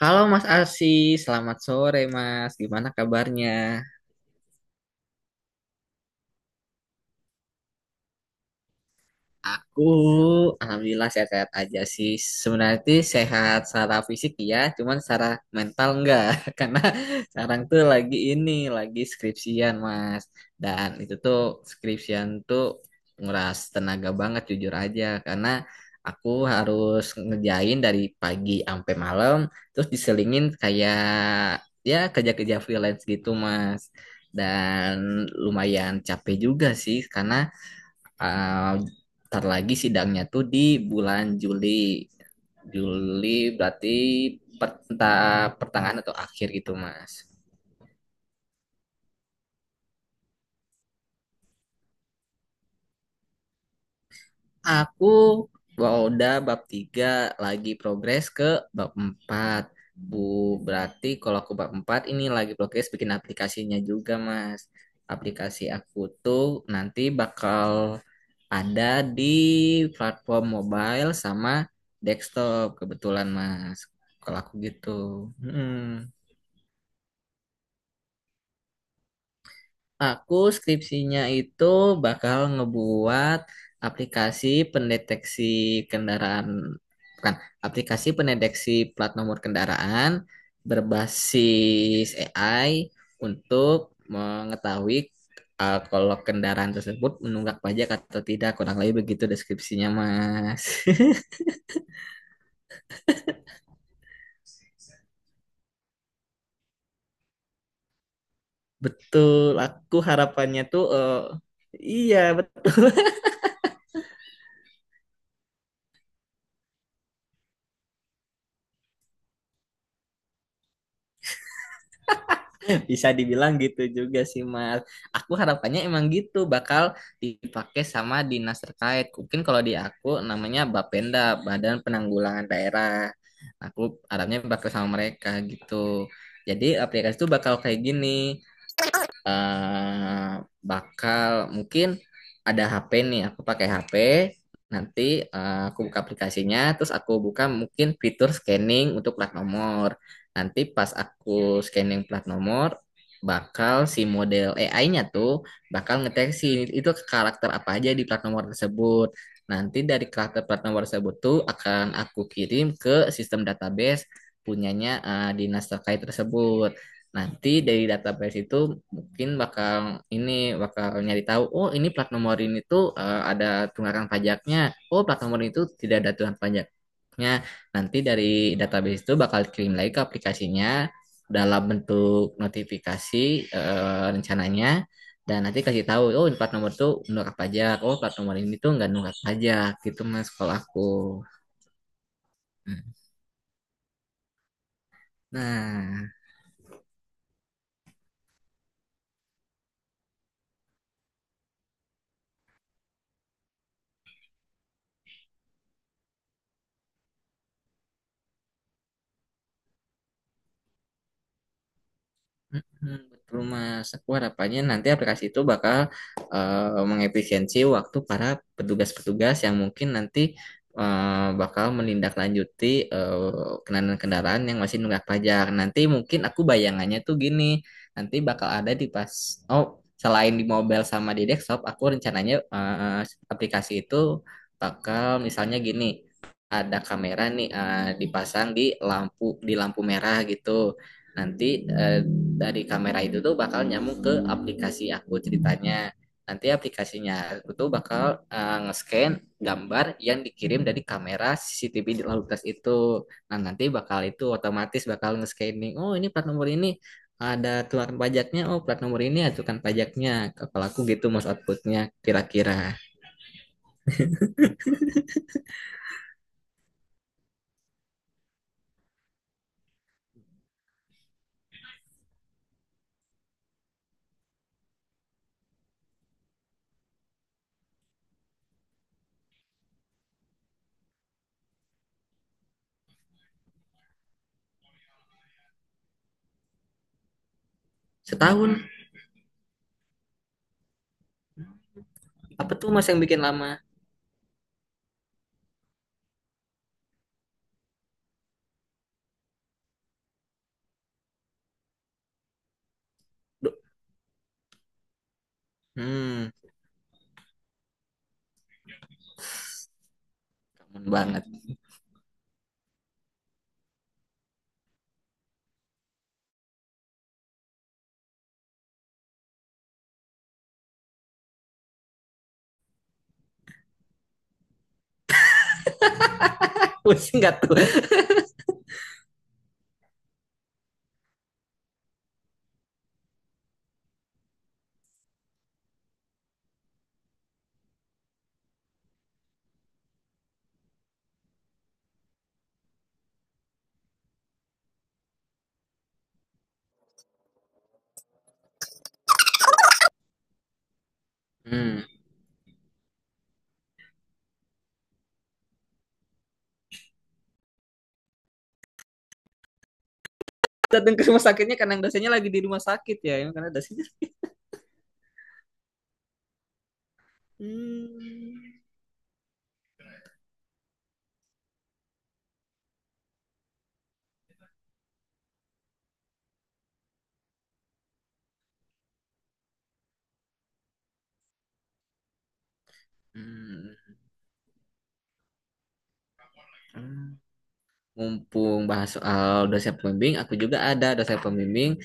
Halo Mas Arsi, selamat sore Mas. Gimana kabarnya? Aku alhamdulillah sehat-sehat aja sih. Sebenarnya sih sehat secara fisik ya, cuman secara mental enggak. Karena sekarang tuh lagi ini, lagi skripsian, Mas. Dan itu tuh skripsian tuh nguras tenaga banget jujur aja karena aku harus ngerjain dari pagi sampai malam terus diselingin kayak ya kerja-kerja freelance gitu, Mas. Dan lumayan capek juga sih karena Ah, ntar lagi sidangnya tuh di bulan Juli. Juli berarti entah pertengahan atau akhir gitu, Mas. Aku udah bab 3 lagi progres ke bab 4 Bu, berarti kalau aku bab 4 ini lagi progres bikin aplikasinya juga, Mas. Aplikasi aku tuh nanti bakal ada di platform mobile sama desktop kebetulan Mas. Kalau aku gitu. mm Aku skripsinya itu bakal ngebuat aplikasi pendeteksi kendaraan, bukan, aplikasi pendeteksi plat nomor kendaraan berbasis AI untuk mengetahui kalau kendaraan tersebut menunggak pajak atau tidak. Kurang lebih begitu deskripsinya, Mas. Betul, aku harapannya tuh iya betul. Bisa dibilang gitu juga sih Mas. Aku harapannya emang gitu bakal dipakai sama dinas terkait. Mungkin kalau di aku namanya Bapenda, Badan Penanggulangan Daerah. Aku harapnya bakal sama mereka gitu. Jadi aplikasi itu bakal kayak gini. eh Bakal mungkin ada HP nih, aku pakai HP. Nanti aku buka aplikasinya, terus aku buka mungkin fitur scanning untuk plat nomor. Nanti pas aku scanning plat nomor, bakal si model AI-nya tuh bakal ngeteksi itu karakter apa aja di plat nomor tersebut. Nanti dari karakter plat nomor tersebut tuh akan aku kirim ke sistem database punyanya dinas terkait tersebut. Nanti dari database itu mungkin bakal ini bakal nyari tahu, oh ini plat nomor ini tuh ada tunggakan pajaknya, oh plat nomor itu tidak ada tunggakan pajaknya. Nanti dari database itu bakal kirim lagi ke aplikasinya dalam bentuk notifikasi, rencananya. Dan nanti kasih tahu oh plat nomor tuh nunggak pajak, oh plat nomor ini tuh nggak nunggak pajak gitu mas kalau aku. Hmm. Nah. Mhm, betul Mas, aku harapannya nanti aplikasi itu bakal mengefisiensi waktu para petugas-petugas yang mungkin nanti bakal menindaklanjuti kendaraan-kendaraan yang masih nunggak pajak. Nanti mungkin aku bayangannya tuh gini, nanti bakal ada di pas, oh selain di mobile sama di desktop, aku rencananya aplikasi itu bakal misalnya gini, ada kamera nih dipasang di lampu merah gitu. Nanti dari kamera itu tuh bakal nyambung ke aplikasi aku ceritanya. Nanti aplikasinya aku tuh bakal nge-scan gambar yang dikirim dari kamera CCTV di lalu lintas itu. Nah, nanti bakal itu otomatis bakal nge-scanning. Oh, ini plat nomor ini ada keluaran pajaknya. Oh, plat nomor ini ajukan pajaknya. Kalau aku gitu mas outputnya kira-kira. Setahun, apa tuh mas yang bikin lama? Duh, hmm, kangen banget. Pusing nggak tuh? Hmm Datang ke rumah sakitnya karena yang dosennya lagi di rumah sakit ya emang karena dosen. Hmm. Hmm, hmm. Mumpung bahas soal dosen pembimbing, aku juga ada dosen pembimbing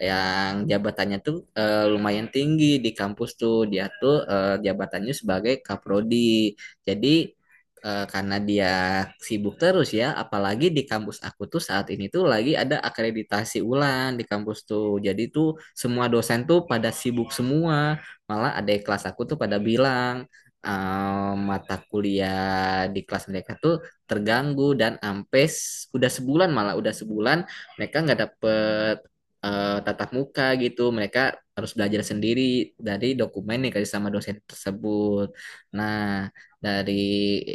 yang jabatannya tuh lumayan tinggi di kampus tuh. Dia tuh jabatannya sebagai kaprodi. Jadi karena dia sibuk terus ya, apalagi di kampus aku tuh saat ini tuh lagi ada akreditasi ulang di kampus tuh. Jadi tuh semua dosen tuh pada sibuk semua. Malah ada kelas aku tuh pada bilang mata kuliah di kelas mereka tuh terganggu dan ampes udah sebulan malah udah sebulan mereka nggak dapet tatap muka gitu mereka harus belajar sendiri dari dokumen yang dikasih sama dosen tersebut. Nah, dari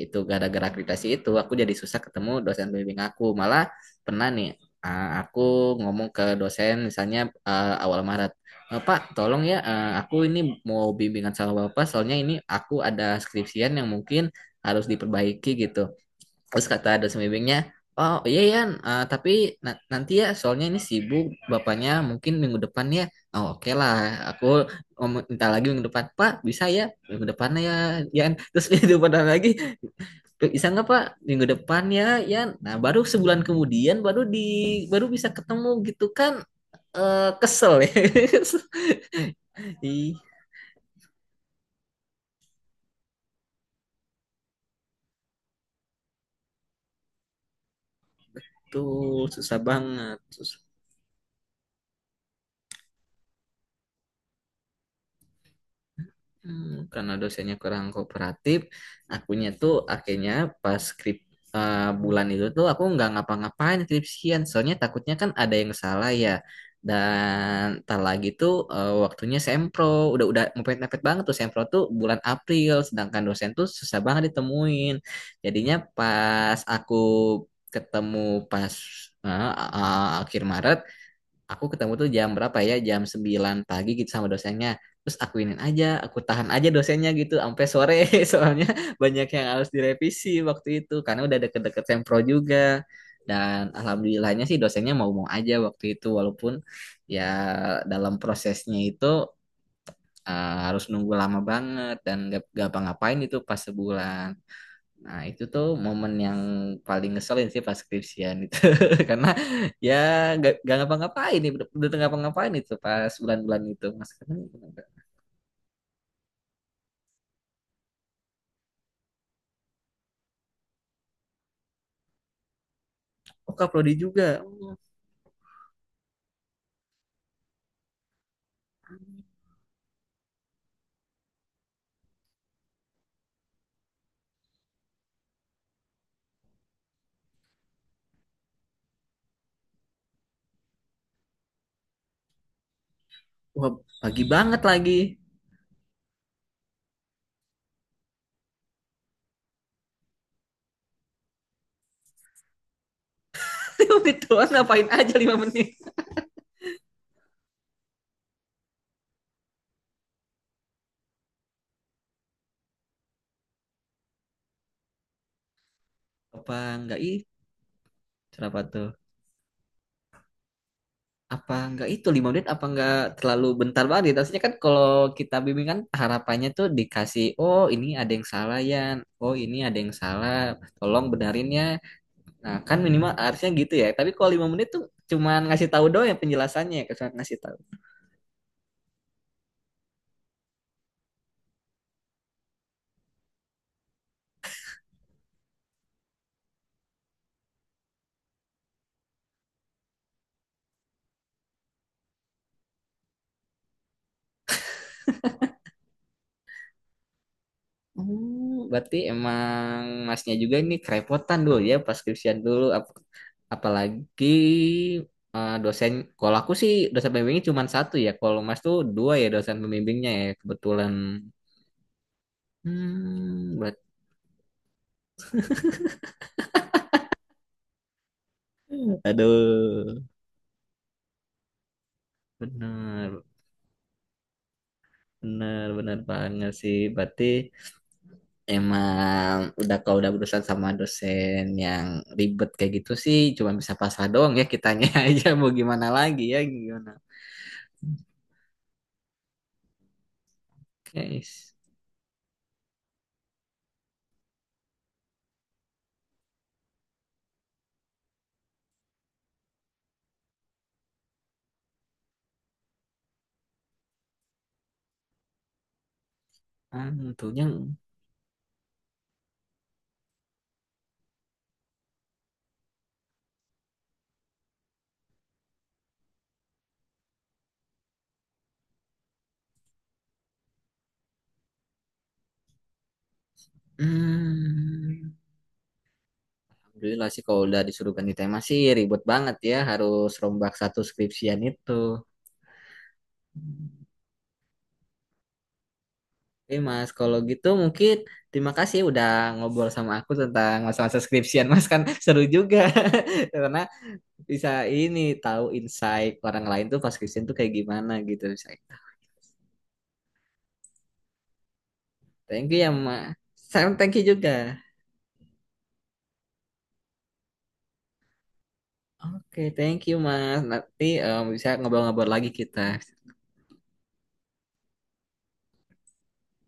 itu gara-gara akreditasi itu aku jadi susah ketemu dosen pembimbing aku malah pernah nih aku ngomong ke dosen misalnya awal Maret, "Eh, Pak, tolong ya, aku ini mau bimbingan sama Bapak, soalnya ini aku ada skripsian yang mungkin harus diperbaiki gitu." Terus kata dosen bimbingnya, "Oh iya Yan, tapi nanti ya soalnya ini sibuk bapaknya mungkin minggu depan ya." Oh oke lah, aku minta lagi minggu depan. "Pak, bisa ya minggu depannya ya Yan." Terus minggu depan lagi, "Bisa nggak Pak minggu depan ya Yan." Nah baru sebulan kemudian baru bisa ketemu gitu kan. Eh, kesel ya. Ih, tuh susah banget. Susah. Karena dosennya kurang kooperatif, akunya tuh akhirnya pas bulan itu tuh aku nggak ngapa-ngapain skripsian, soalnya takutnya kan ada yang salah ya. Dan tak lagi tuh waktunya sempro, udah mepet-mepet banget tuh sempro tuh bulan April, sedangkan dosen tuh susah banget ditemuin. Jadinya pas aku ketemu pas eh, akhir Maret aku ketemu tuh jam berapa ya jam 9 pagi gitu sama dosennya terus aku akuinin aja aku tahan aja dosennya gitu sampai sore soalnya banyak yang harus direvisi waktu itu karena udah deket-deket sempro juga dan alhamdulillahnya sih dosennya mau-mau aja waktu itu walaupun ya dalam prosesnya itu harus nunggu lama banget dan gak, apa ngapain itu pas sebulan. Nah, itu tuh momen yang paling ngeselin sih pas skripsian itu. Karena ya gak, nggak ngapa-ngapain nih, udah tengah ngapa-ngapain itu pas bulan-bulan itu. Mas kan, oh Kak Prodi juga. Oh, wah, pagi banget lagi. Itu ngapain aja 5 menit. Apa nggak itu apa tuh? Apa nggak itu 5 menit apa nggak terlalu bentar banget gitu. Harusnya kan kalau kita bimbingan harapannya tuh dikasih, oh ini ada yang salah ya, oh ini ada yang salah, tolong benerin ya. Nah, kan minimal harusnya gitu ya. Tapi kalau 5 menit tuh cuman ngasih tahu doang ya penjelasannya ya, cuman ngasih tahu. Oh, berarti emang masnya juga ini kerepotan dulu ya pas skripsian dulu apalagi dosen kalau aku sih dosen pembimbingnya cuman satu ya. Kalau Mas tuh dua ya dosen pembimbingnya ya kebetulan. Berarti aduh, benar, benar, benar banget sih. Berarti emang udah kalau udah berurusan sama dosen yang ribet kayak gitu sih cuma bisa pasrah doang ya kitanya aja mau gimana lagi ya gimana. Guys, tentunya hmm, alhamdulillah sih kalau udah disuruh ganti tema sih ribet banget ya harus rombak satu skripsian itu. Oke Mas, kalau gitu mungkin terima kasih ya udah ngobrol sama aku tentang masa-masa skripsian Mas kan seru juga. Karena bisa ini tahu insight orang lain tuh pas Christian tuh kayak gimana gitu bisa tahu. Thank you ya mas. Sam thank you juga. Oke thank you mas nanti bisa ngobrol-ngobrol lagi kita.